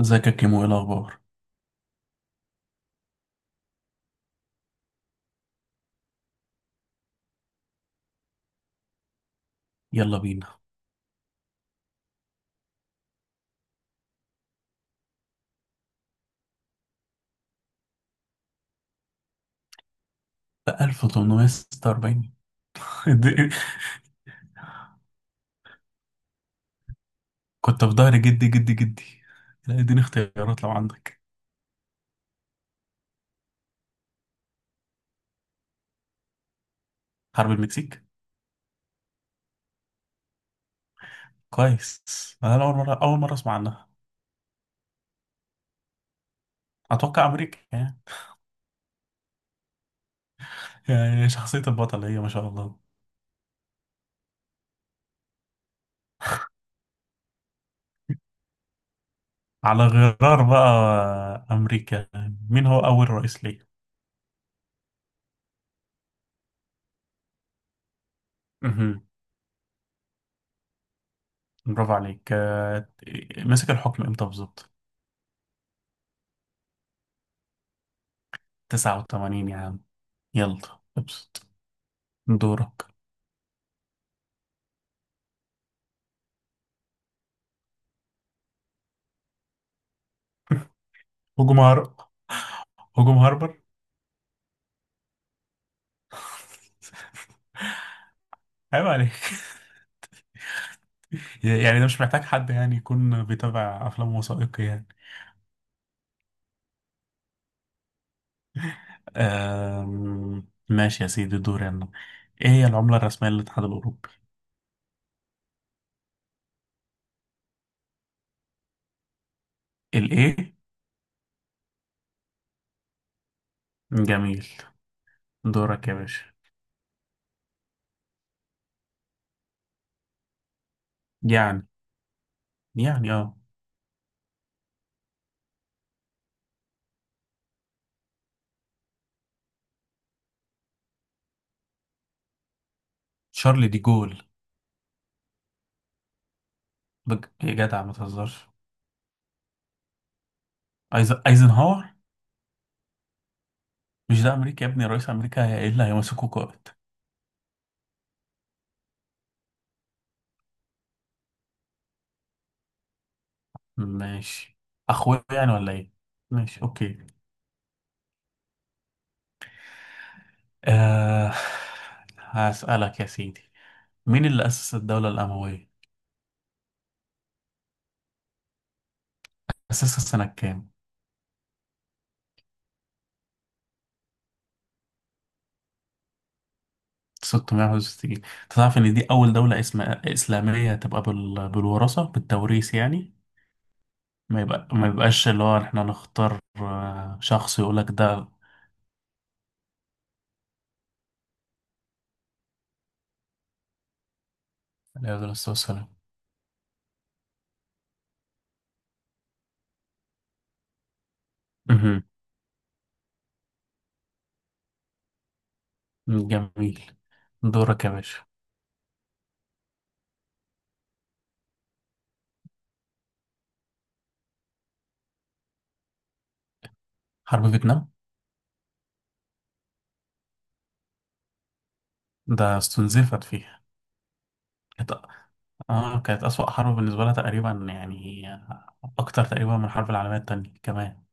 ازيك يا كيمو، ايه الاخبار؟ يلا بينا. بقى 1846؟ ادي- كنت في ظهر جدي جدي جدي. لا اديني اختيارات لو عندك. حرب المكسيك. كويس. انا اول مره اسمع عنها. اتوقع امريكا يعني. يعني شخصيه البطل هي ما شاء الله. على غرار بقى امريكا. مين هو اول رئيس ليه؟ مهم. برافو عليك. مسك الحكم امتى بالظبط؟ 89 يا عم. يلا ابسط. دورك. هجوم هجوم هاربر. عيب عليك. يعني ده مش محتاج حد يعني يكون بيتابع أفلام وثائقي يعني. ماشي يا سيدي، دوري أنا. إيه هي العملة الرسمية للاتحاد الأوروبي؟ الإيه؟ جميل. دورك يا باشا. يعني يعني آه. شارل دي جول. يا جدع ما تهزرش. أيزنهاور؟ مش ده أمريكا يا ابني، رئيس أمريكا، هي إيه اللي هيمسكه قائد؟ ماشي. أخويا يعني ولا إيه؟ ماشي أوكي. أه... هسألك يا سيدي، مين اللي أسس الدولة الأموية؟ أساسها سنة كام؟ 661. تعرف إن دي أول دولة إسلامية تبقى بالوراثة بالتوريث يعني. ما يبقاش اللي هو إحنا نختار، شخص يقول لك ده. عليه الصلاة والسلام. مهم. جميل. دورك يا باشا. حرب فيتنام. ده استنزفت فيها. كانت كانت أسوأ حرب بالنسبة لها تقريبا يعني. أكتر تقريبا من الحرب العالمية التانية كمان.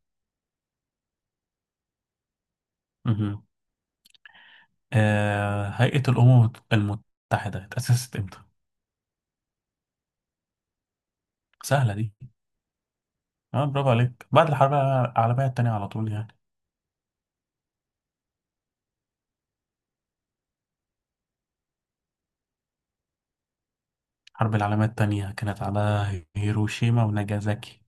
مهم. آه، هيئة الأمم المتحدة اتأسست إمتى؟ سهلة دي. اه، برافو عليك. بعد الحرب العالمية التانية على طول يعني. الحرب العالمية التانية كانت على هيروشيما وناجازاكي.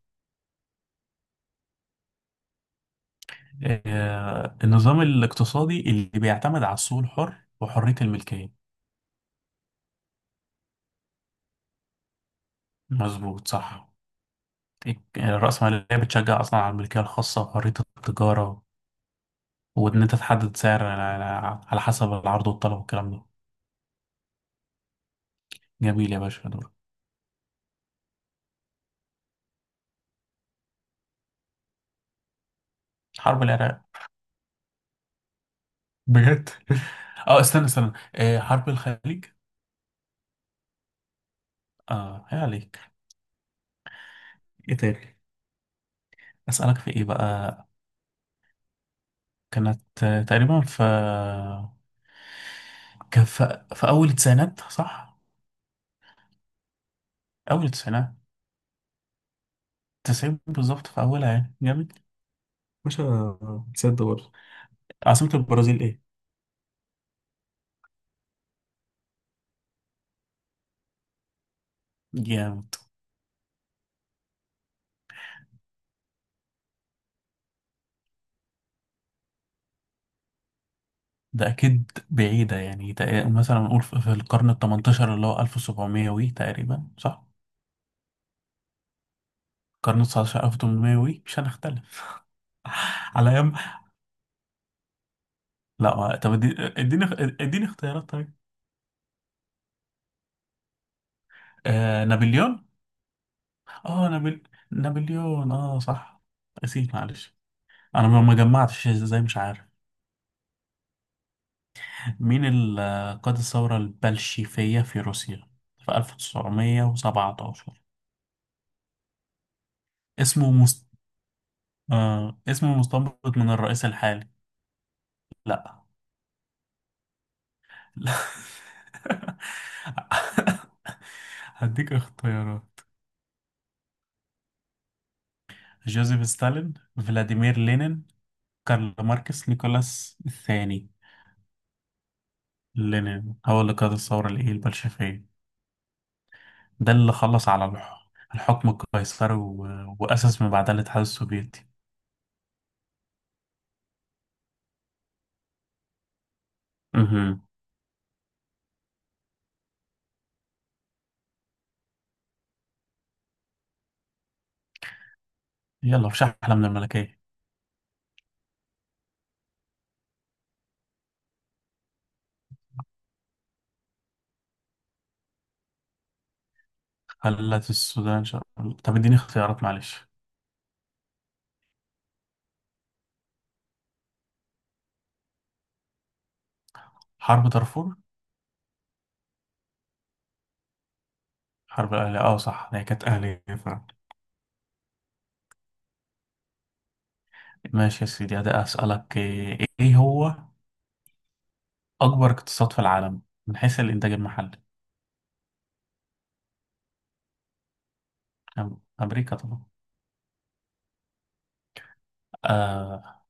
آه، النظام الاقتصادي اللي بيعتمد على السوق الحر وحرية الملكية. مظبوط صح. الرأسمالية بتشجع أصلا على الملكية الخاصة وحرية التجارة. وإن أنت تحدد سعر على حسب العرض والطلب والكلام ده. جميل يا باشا، دول. حرب العراق. بجد. اه، استنى استنى، آه، حرب الخليج. اه، يا عليك. ايه تاني. اسالك في ايه بقى. كانت، تقريبا في، كان في أول التسعينات صح؟ أول التسعينات. تسعين بالظبط في أولها يعني، جامد. باشا، تصدق برضه، عاصمة البرازيل إيه؟ جامد. ده أكيد بعيدة يعني، مثلا نقول في القرن التمنتاشر اللي هو ألف وسبعمية وي تقريبا صح؟ القرن التسعتاشر ألف وتمنمية وي مش هنختلف. على أيام. لا، طب اديني اختيارات طيب. آه نابليون؟ آه، نابليون، آه صح. نسيت معلش. انا ما جمعتش ازاي، مش عارف. مين اللي قاد الثورة البلشيفية في روسيا في 1917؟ اسمه مست... اسمه مستنبط من الرئيس الحالي. لا، لا. هديك اختيارات. جوزيف ستالين، فلاديمير لينين، كارل ماركس، نيكولاس الثاني. لينين هو اللي قاد الثورة الإيه البلشفية. ده اللي خلص على الحكم القيصري، وأسس من بعدها الاتحاد السوفيتي. مهم. يلا في شحنة من الملكية. خلت السودان طب اديني اختيارات معلش. حرب دارفور. حرب الأهلية، اه صح، هي كانت أهلية فعلا. ماشي يا سيدي، ده أسألك إيه هو أكبر اقتصاد في العالم من حيث الإنتاج المحلي؟ أم- أمريكا طبعا. آه،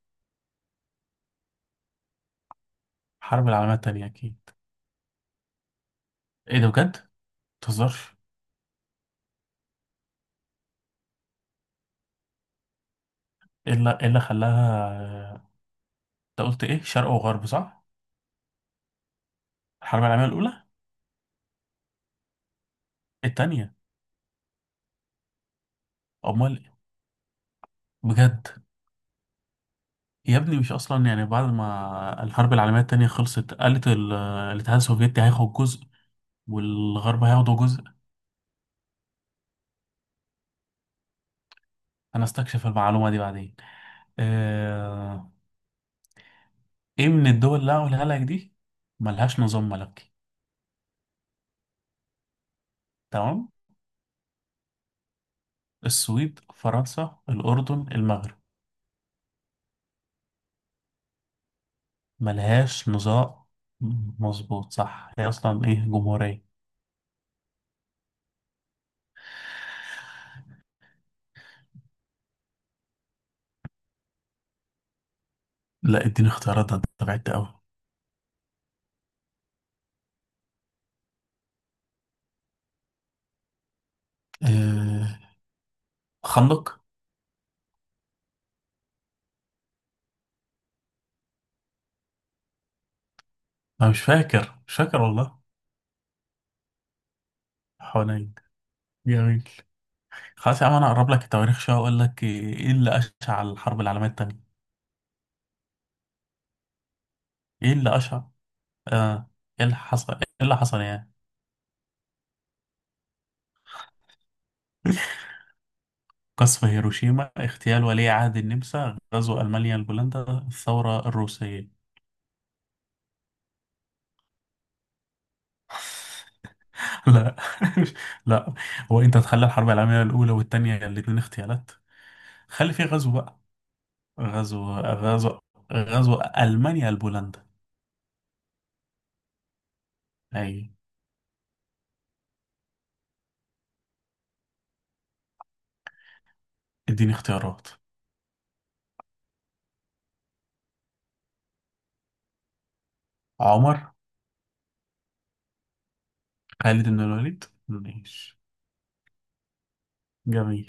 الحرب العالمية التانية أكيد. إيه ده بجد؟ متهزرش. إيه اللي خلاها، آه، أنت قلت إيه، شرق وغرب صح؟ الحرب العالمية الأولى. التانية. أمال إيه؟ بجد. يا ابني، مش اصلا يعني بعد ما الحرب العالميه التانية خلصت قالت الاتحاد السوفيتي هياخد جزء والغرب هياخدوا جزء. انا استكشف المعلومه دي بعدين. آه، ايه من الدول اللي هقولها لك دي ملهاش نظام ملكي؟ تمام. السويد، فرنسا، الاردن، المغرب. ملهاش نظام. مظبوط صح، هي اصلا ايه جمهوريه. لا اديني اختيارات، ده أنت بعدت قوي. آه، خندق. انا مش فاكر مش فاكر والله. حوالين. جميل. خلاص يا عم، انا اقرب لك التواريخ شويه واقول لك ايه اللي اشعل الحرب العالميه الثانيه. ايه اللي اشعل. آه، ايه اللي حصل يعني. قصف هيروشيما، اغتيال ولي عهد النمسا، غزو المانيا لبولندا، الثوره الروسيه. لا، لا. هو انت تخلي الحرب العالميه الاولى والثانيه الاثنين اغتيالات. خلي في غزو بقى. غزو غزو غزو المانيا لبولندا. اي. اديني اختيارات. عمر. خالد بن الوليد ماشي. جميل.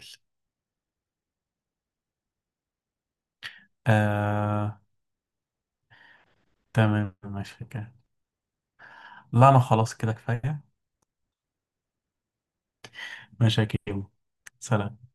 آه. تمام ماشي كده. لا انا خلاص كده كفايه. ماشي يا كيمو، سلام.